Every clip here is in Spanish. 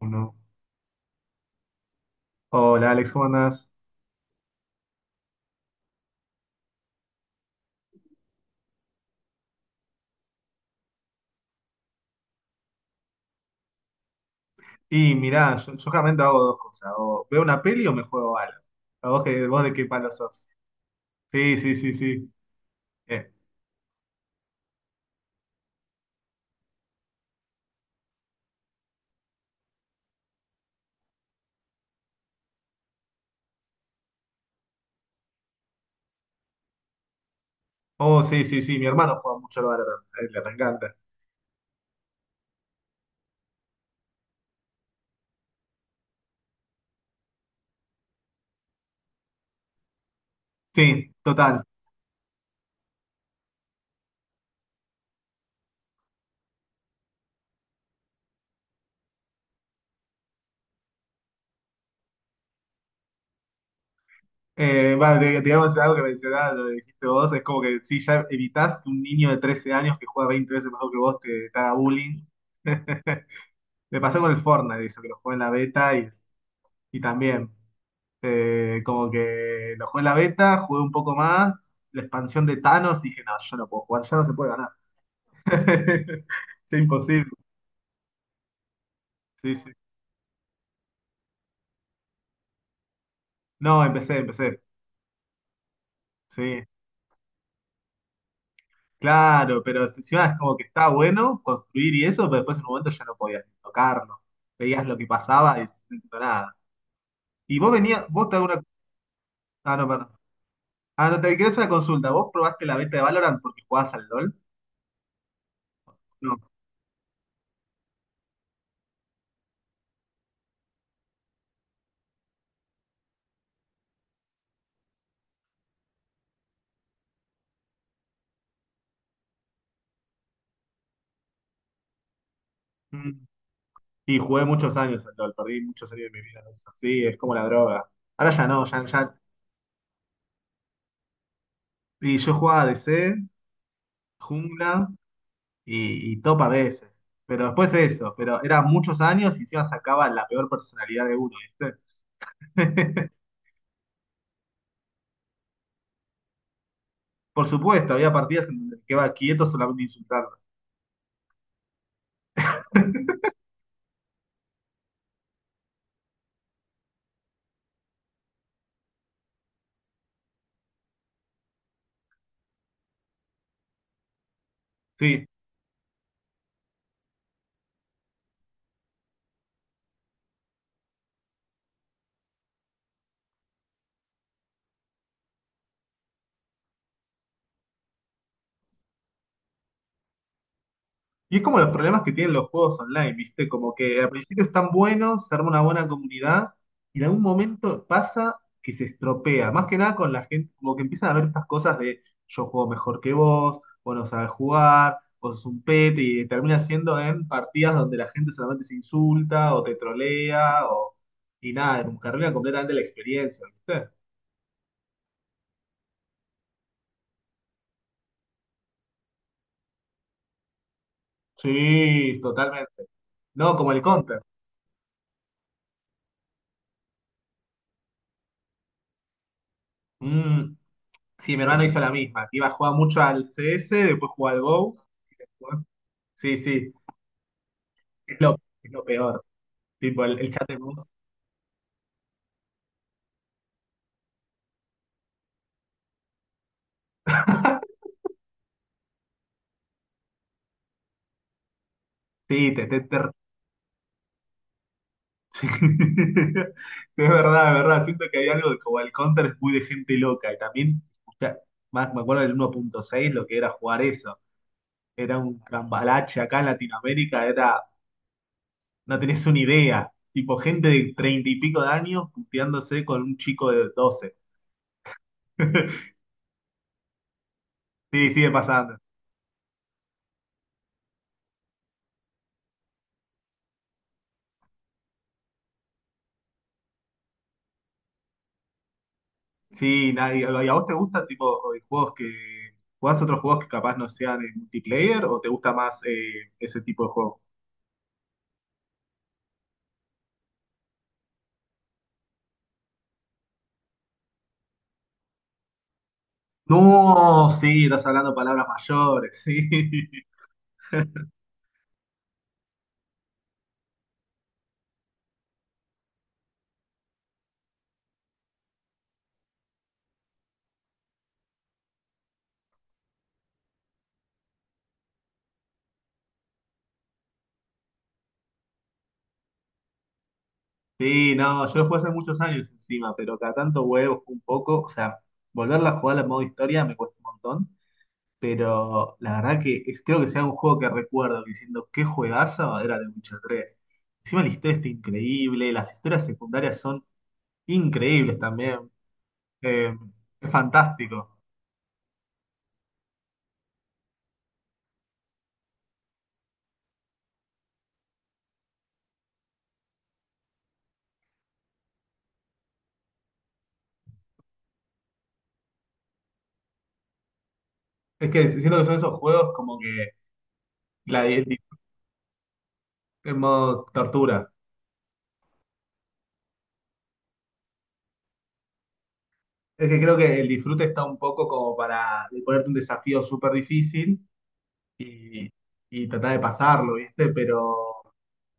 Uno. Hola Alex, ¿cómo andás? Y mirá, yo realmente hago dos cosas. O veo una peli o me juego algo. ¿A vos, vos de qué palo sos? Sí, sí, sí, sí. Eh, Oh, sí, sí, sí. Mi hermano juega mucho al Valorant. A él le encanta. Sí, total. Va, digamos algo que mencionabas, lo que dijiste vos, es como que sí, ya evitás que un niño de 13 años que juega 20 veces mejor que vos te haga bullying. Me pasó con el Fortnite, eso, que lo jugué en la beta y también. Como que lo jugué en la beta, jugué un poco más, la expansión de Thanos, dije, no, yo no puedo jugar, ya no se puede ganar. Es imposible. Sí, sí. No, empecé. Sí, claro, pero si encima es como que está bueno construir y eso, pero después en un momento ya no podías ni tocarlo. Veías lo que pasaba y no entiendo nada. Y vos venías, vos te hago una. Ah, no, perdón. Ah, no, te quiero hacer una consulta. ¿Vos probaste la beta de Valorant porque jugabas al LOL? No. Sí, jugué muchos años al LOL, perdí muchos años de mi vida. En sí, es como la droga. Ahora ya no, ya, ya. Y yo jugaba DC, jungla y top a veces. Pero después eso, pero eran muchos años y encima sacaba la peor personalidad de uno, ¿viste? Por supuesto, había partidas en donde quedaba quieto solamente insultando. Sí. Y es como los problemas que tienen los juegos online, ¿viste? Como que al principio están buenos, se arma una buena comunidad, y en algún momento pasa que se estropea. Más que nada con la gente, como que empiezan a ver estas cosas de yo juego mejor que vos, vos no sabes jugar, vos sos un pete, y termina siendo en partidas donde la gente solamente se insulta o te trolea, o, y nada, como que arruina completamente la experiencia, ¿viste? Sí, totalmente. No, como el counter. Mm. Sí, mi hermano hizo la misma. Iba a jugar mucho al CS, después jugó al Go. Sí, sí, es lo, es lo peor. Tipo, el chat de voz. Sí, Sí. Es verdad, es verdad. Siento que hay algo de- como el Counter es muy de gente loca. Y también, ya, más, me acuerdo del 1.6, lo que era jugar eso. Era un cambalache acá en Latinoamérica, era, no tenés una idea. Tipo, gente de treinta y pico de años puteándose con un chico de 12. Sí, sigue pasando. Sí, nadie, ¿y a vos te gustan tipo juegos que jugás, otros juegos que capaz no sean en multiplayer o te gusta más ese tipo de juego? No, sí, estás hablando palabras mayores, sí. Sí, no, yo lo jugué hace muchos años encima, pero cada tanto huevos un poco, o sea, volverla a jugar en modo historia me cuesta un montón, pero la verdad que creo que sea un juego que recuerdo diciendo qué juegazo era de Witcher tres. Encima la historia está increíble, las historias secundarias son increíbles también. Eh, es fantástico. Es que siento que son esos juegos como que la, el di- en modo tortura. Es que creo que el disfrute está un poco como para ponerte un desafío súper difícil y, y tratar de pasarlo, ¿viste? Pero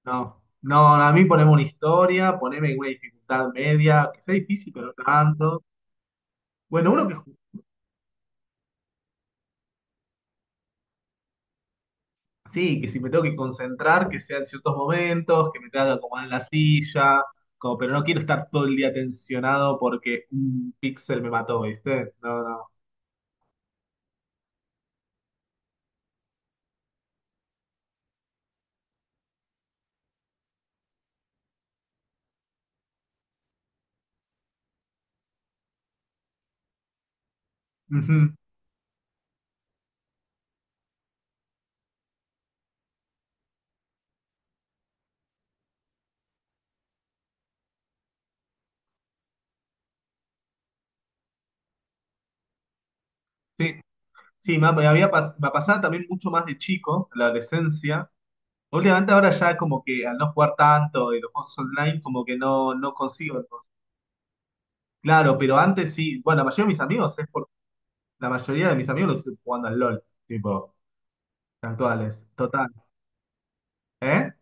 no, no, a mí poneme una historia, poneme una dificultad media, que sea difícil, pero no tanto. Bueno, uno que sí, que si me tengo que concentrar, que sea en ciertos momentos, que me tenga que acomodar en la silla, como, pero no quiero estar todo el día tensionado porque un píxel me mató, ¿viste? No, no. Ujú. Sí, sí, me pasaba también mucho más de chico, en la adolescencia. Últimamente ahora ya como que al no jugar tanto de los juegos online, como que no consigo. Entonces, claro, pero antes sí, bueno, la mayoría de mis amigos los estoy jugando al LOL, tipo, actuales, total. ¿Eh?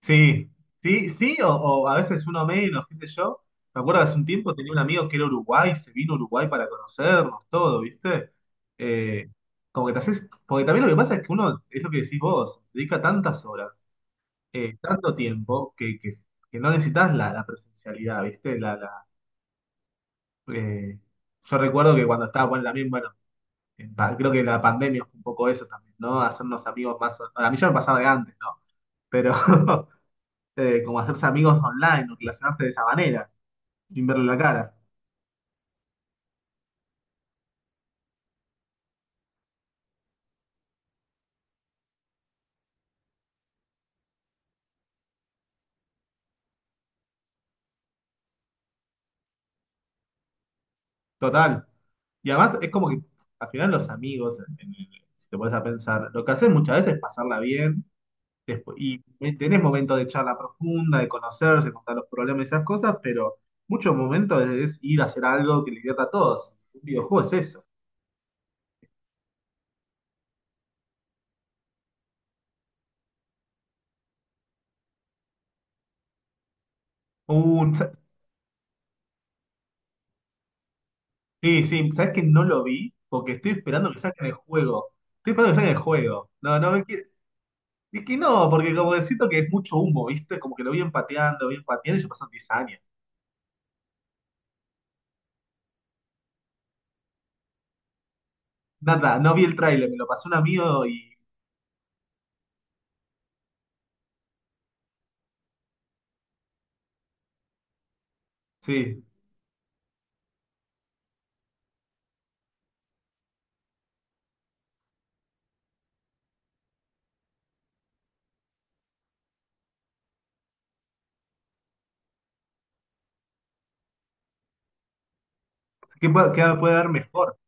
Sí, sí, sí, o a veces uno menos, qué sé yo. Me acuerdo hace un tiempo tenía un amigo que era Uruguay, se vino a Uruguay para conocernos, todo, ¿viste? Eh, Como que te haces, porque también lo que pasa es que uno, es lo que decís vos, dedica tantas horas, tanto tiempo, que no necesitas la presencialidad, ¿viste? Eh, yo recuerdo que cuando estaba, bueno, también, bueno, creo que la pandemia fue un poco eso también, ¿no? Hacernos amigos más, a mí ya me pasaba de antes, ¿no? Pero... como hacerse amigos online o relacionarse de esa manera, sin verle la cara. Total. Y además es como que al final los amigos, si te pones a pensar, lo que hacen muchas veces es pasarla bien y tenés momentos de charla profunda, de conocerse, contar los problemas y esas cosas, pero muchos momentos es ir a hacer algo que le divierta a todos. Un videojuego es eso. Un- sa- sí, sí, ¿sabes que no lo vi? Porque estoy esperando que saquen el juego. Estoy esperando que saquen el juego. No, no, y que no, porque como que siento que es mucho humo, ¿viste? Como que lo vi empateando y ya pasaron diez años. Nada, no vi el tráiler, me lo pasó un amigo y sí, ¿qué puede haber mejor.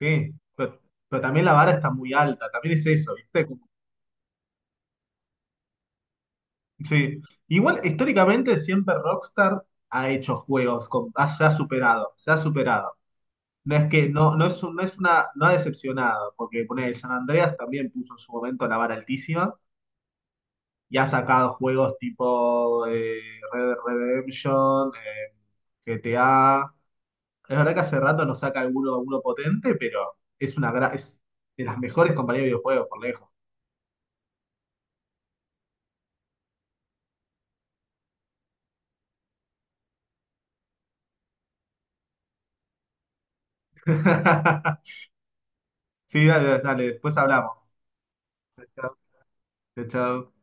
Sí, pero también la vara está muy alta, también es eso, ¿viste? Sí. Igual, históricamente siempre Rockstar ha hecho juegos, se ha superado, se ha superado. No es que, no, no es, no es una, no ha decepcionado, porque poner el San Andreas también puso en su momento la vara altísima y ha sacado juegos tipo Red Dead Redemption, GTA. Es verdad que hace rato no saca alguno, alguno potente, pero es de las mejores compañías de videojuegos, por lejos. Sí, dale, dale, después hablamos. Chao, chao.